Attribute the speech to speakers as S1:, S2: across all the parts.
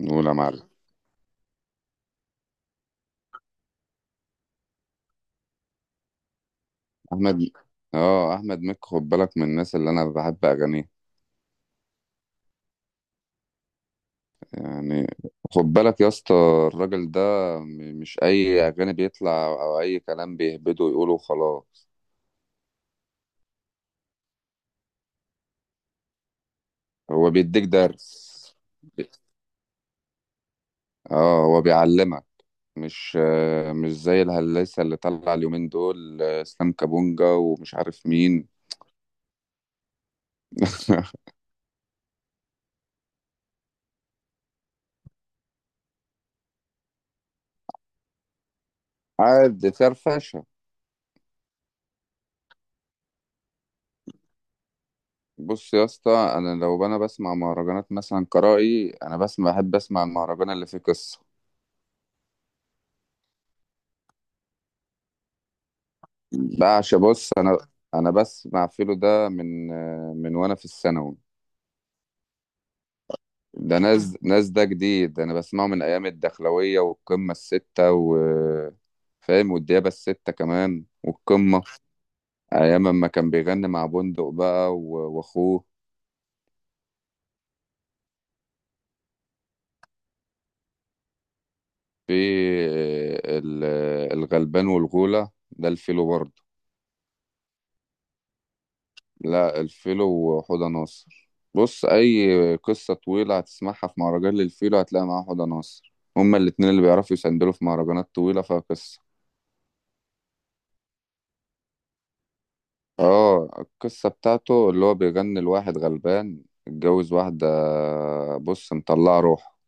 S1: نقول يا معلم احمد. اه احمد مكي، خد بالك، من الناس اللي انا بحب اغانيه. يعني خد بالك يا اسطى، الراجل ده مش اي اغاني بيطلع او اي كلام بيهبده ويقوله وخلاص. هو بيديك درس، اه هو بيعلمك. مش مش زي الهلاسة اللي طلع اليومين دول، اسلام كابونجا ومش عارف مين. عادي، فرفشه. بص يا اسطى، انا لو انا بسمع مهرجانات مثلا قرائي، انا بسمع بحب اسمع المهرجان اللي فيه قصه. بعشق، بص انا انا بسمع فيلو ده من وانا في الثانوي. ده ناس، ناس جديد، انا بسمعه من ايام الدخلويه والقمه السته و فاهم والديابه السته كمان والقمه، ايام ما كان بيغني مع بندق بقى و- واخوه. في ال- الغلبان والغوله ده الفيلو برضه. لا الفيلو وحوضة ناصر، بص، أي قصة طويلة هتسمعها في مهرجان للفيلو هتلاقي معاه حوضة ناصر، هما الاتنين اللي بيعرفوا يسندلوا في مهرجانات طويلة فيها قصة. اه القصة بتاعته اللي هو بيغني لواحد غلبان اتجوز واحدة، بص، مطلعة روحه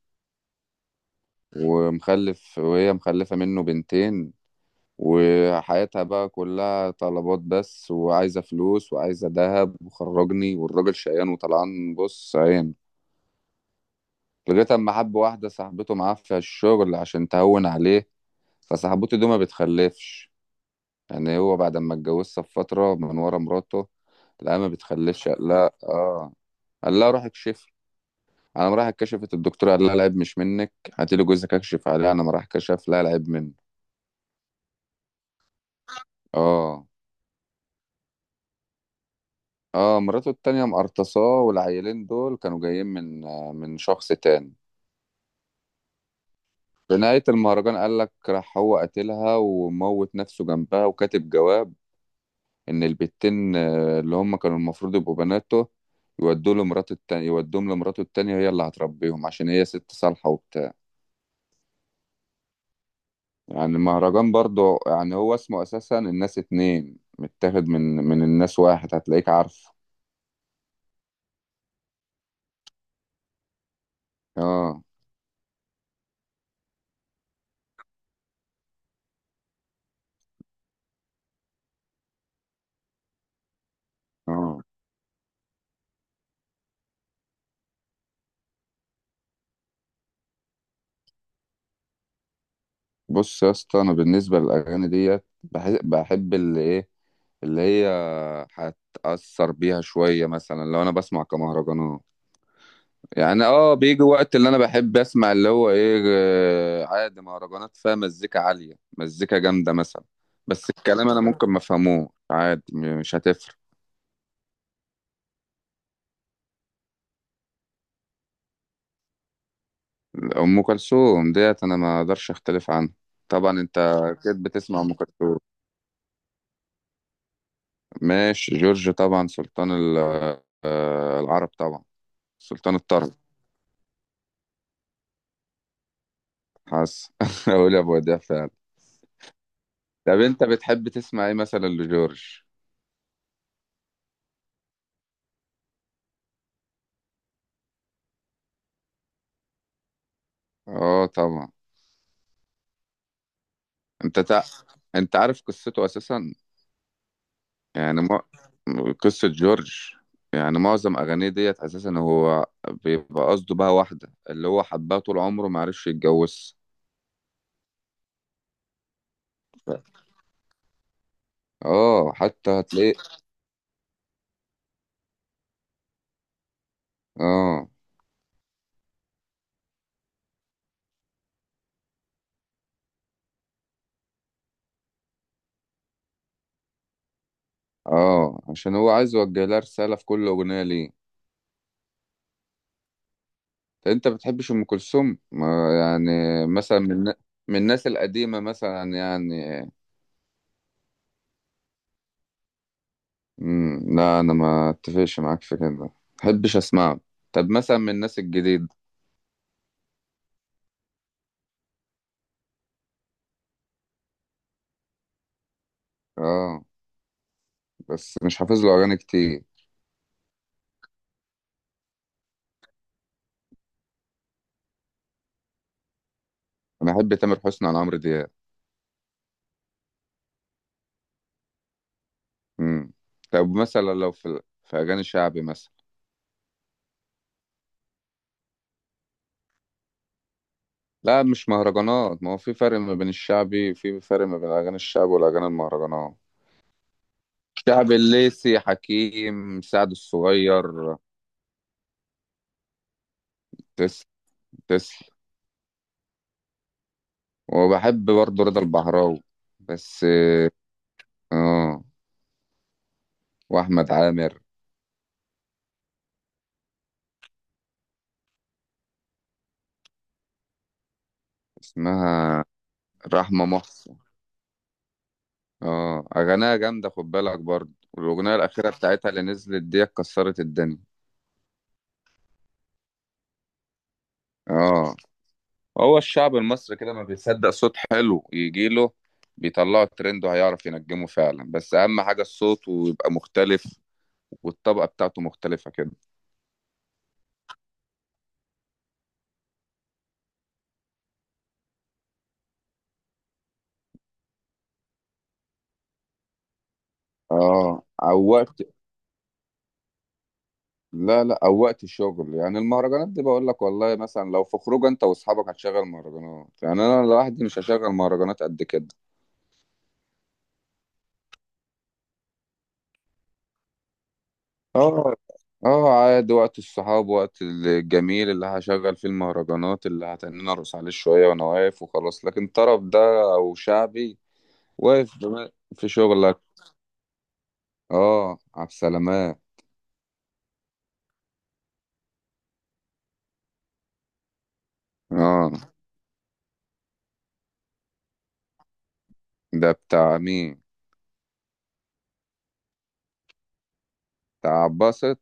S1: ومخلف، وهي مخلفة منه بنتين، وحياتها بقى كلها طلبات بس، وعايزة فلوس وعايزة دهب وخرجني، والراجل شقيان وطلعان بص عين. لغاية أما حب واحدة صاحبته معاه في الشغل عشان تهون عليه. فصاحبته دي ما بتخلفش، يعني هو بعد ما اتجوزها بفترة من ورا مراته، لا ما بتخلفش. قال لها اه قال لها روح اكشفي. انا راح كشفت، الدكتور قال لها العيب مش منك، هاتي لي جوزك اكشف عليه. انا ما راح كشف، لا العيب منه. اه، اه. مراته التانية مقرطصاه، والعيلين دول كانوا جايين من من شخص تاني. في نهاية المهرجان قال لك راح هو قتلها وموت نفسه جنبها وكاتب جواب ان البتين، اللي هم كانوا المفروض يبقوا بناته، يودوا له مراته التانية، يودوهم لمراته التانية، هي اللي هتربيهم عشان هي ست صالحة وبتاع. يعني المهرجان برضو، يعني هو اسمه اساسا الناس اتنين، متاخد من الناس واحد، هتلاقيك عارفه. اه، اه. بص يا اسطى، انا بالنسبة للاغاني ديت بحب اللي ايه، اللي هي هتأثر بيها شوية. مثلا لو انا بسمع كمهرجانات، يعني اه بيجي وقت اللي انا بحب اسمع اللي هو ايه، عادي مهرجانات فيها مزيكا عالية، مزيكا جامدة مثلا، بس الكلام انا ممكن ما افهموش عادي، مش هتفرق. ام كلثوم ديت انا ما اقدرش اختلف عنها. طبعا انت اكيد بتسمع ام كلثوم. ماشي، جورج طبعا سلطان العرب طبعا، سلطان الطرب. حاسس اقول يا ابو وديع فعلا. طب انت بتحب تسمع ايه مثلا لجورج؟ اه طبعا. انت تع... انت عارف قصته اساسا؟ يعني ما قصة جورج يعني معظم أغانيه ديت أساسا، هو بيبقى قصده بقى واحدة اللي هو حبها طول عمره معرفش يتجوزها. اه حتى هتلاقيه. اه، اه، عشان هو عايز يوجه لها رسالة في كل أغنية ليه. طب انت بتحبش أم كلثوم؟ ما يعني مثلا من الناس القديمة مثلا يعني؟ لا أنا ما اتفقش معاك في كده، ما بحبش أسمعه. طب مثلا من الناس الجديدة؟ اه بس مش حافظ له أغاني كتير. انا احب تامر حسني عن عمرو دياب. امم. طب مثلا لو في اغاني شعبي مثلا؟ لا مش مهرجانات، ما هو في فرق ما بين الشعبي، في فرق ما بين الاغاني الشعبي والاغاني المهرجانات. شعبي الليسي حكيم، سعد الصغير. تسلم، تسلم. وبحب برضه رضا البحراوي. بس. اه، واحمد عامر. اسمها رحمة محسن. اه اغانيها جامدة خد بالك برضه، والاغنية الاخيرة بتاعتها اللي نزلت دي كسرت الدنيا. اه، هو الشعب المصري كده ما بيصدق صوت حلو يجي له، بيطلعه ترند وهيعرف ينجمه فعلا، بس اهم حاجه الصوت ويبقى مختلف والطبقه بتاعته مختلفه كده. اه، او وقت. لا لا، او وقت الشغل، يعني المهرجانات دي بقول لك والله مثلا لو في خروج انت واصحابك هتشغل مهرجانات، يعني انا لوحدي مش هشغل مهرجانات قد كده. اه، اه عادي وقت الصحاب، وقت الجميل اللي هشغل فيه المهرجانات اللي هتنين ارقص عليه شويه وانا واقف وخلاص. لكن طرب ده او شعبي، واقف في شغلك. اه عبد السلامات. اه، ده بتاع مين؟ بتاع باسط،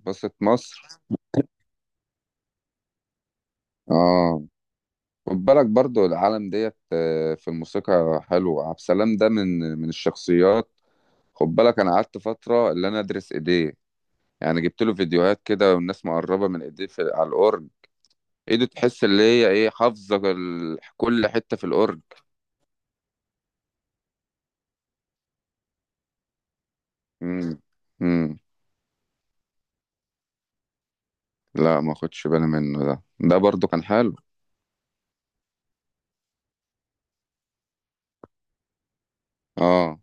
S1: باسط مصر. اه، خد بالك برضو العالم ديت، في الموسيقى حلو. عبد السلام ده من الشخصيات. خد بالك انا قعدت فترة اللي انا ادرس ايديه، يعني جبت له فيديوهات كده والناس مقربة من ايديه في على الاورج. ايده تحس اللي هي ايه، حافظة كل حتة في الاورج. امم، امم. لا ما خدش بالي منه، ده برضو كان حلو. اه.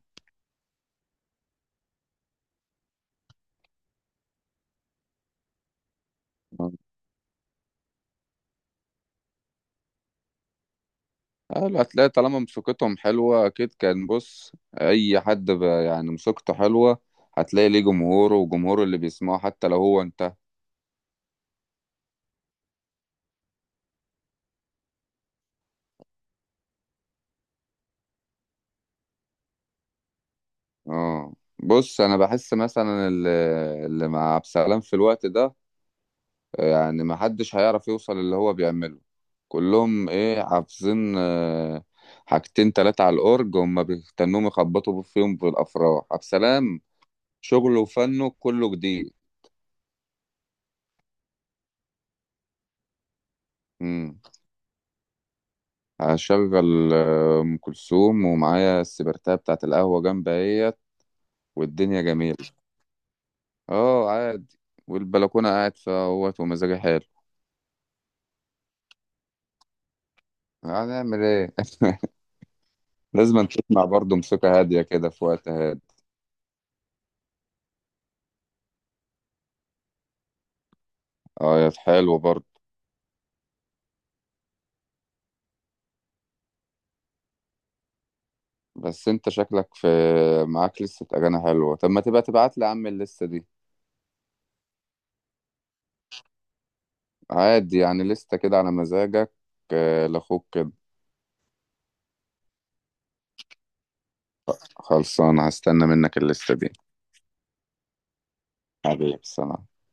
S1: آه. اه الأتلية طالما مسوقتهم حلوة أكيد كان، بص أي حد يعني مسوقته حلوة هتلاقي ليه جمهوره، وجمهوره اللي بيسمعه حتى لو هو انتهى. اه بص، أنا بحس مثلا اللي مع عبد السلام في الوقت ده، يعني محدش هيعرف يوصل اللي هو بيعمله. كلهم إيه حافظين، حاجتين تلاتة على الأورج هما بيستنوهم يخبطوا فيهم في الأفراح. عبد السلام شغله وفنه كله جديد. هشغل ام كلثوم ومعايا السبرتاب بتاعت القهوه جنب اهيت، والدنيا جميله. اه عادي، والبلكونه قاعد فيها اهوت ومزاجي حلو. هنعمل ايه؟ لازم تسمع برضه موسيقى هاديه كده في وقت هادي. اه يا حلو برضه. بس انت شكلك معاك لسه اغاني حلوه، طب ما تبقى تبعت لي يا عم الليسته دي. عادي يعني لسته كده على مزاجك، لاخوك كده. خلصانه، هستنى منك الليسته دي. حبيبي، سلام.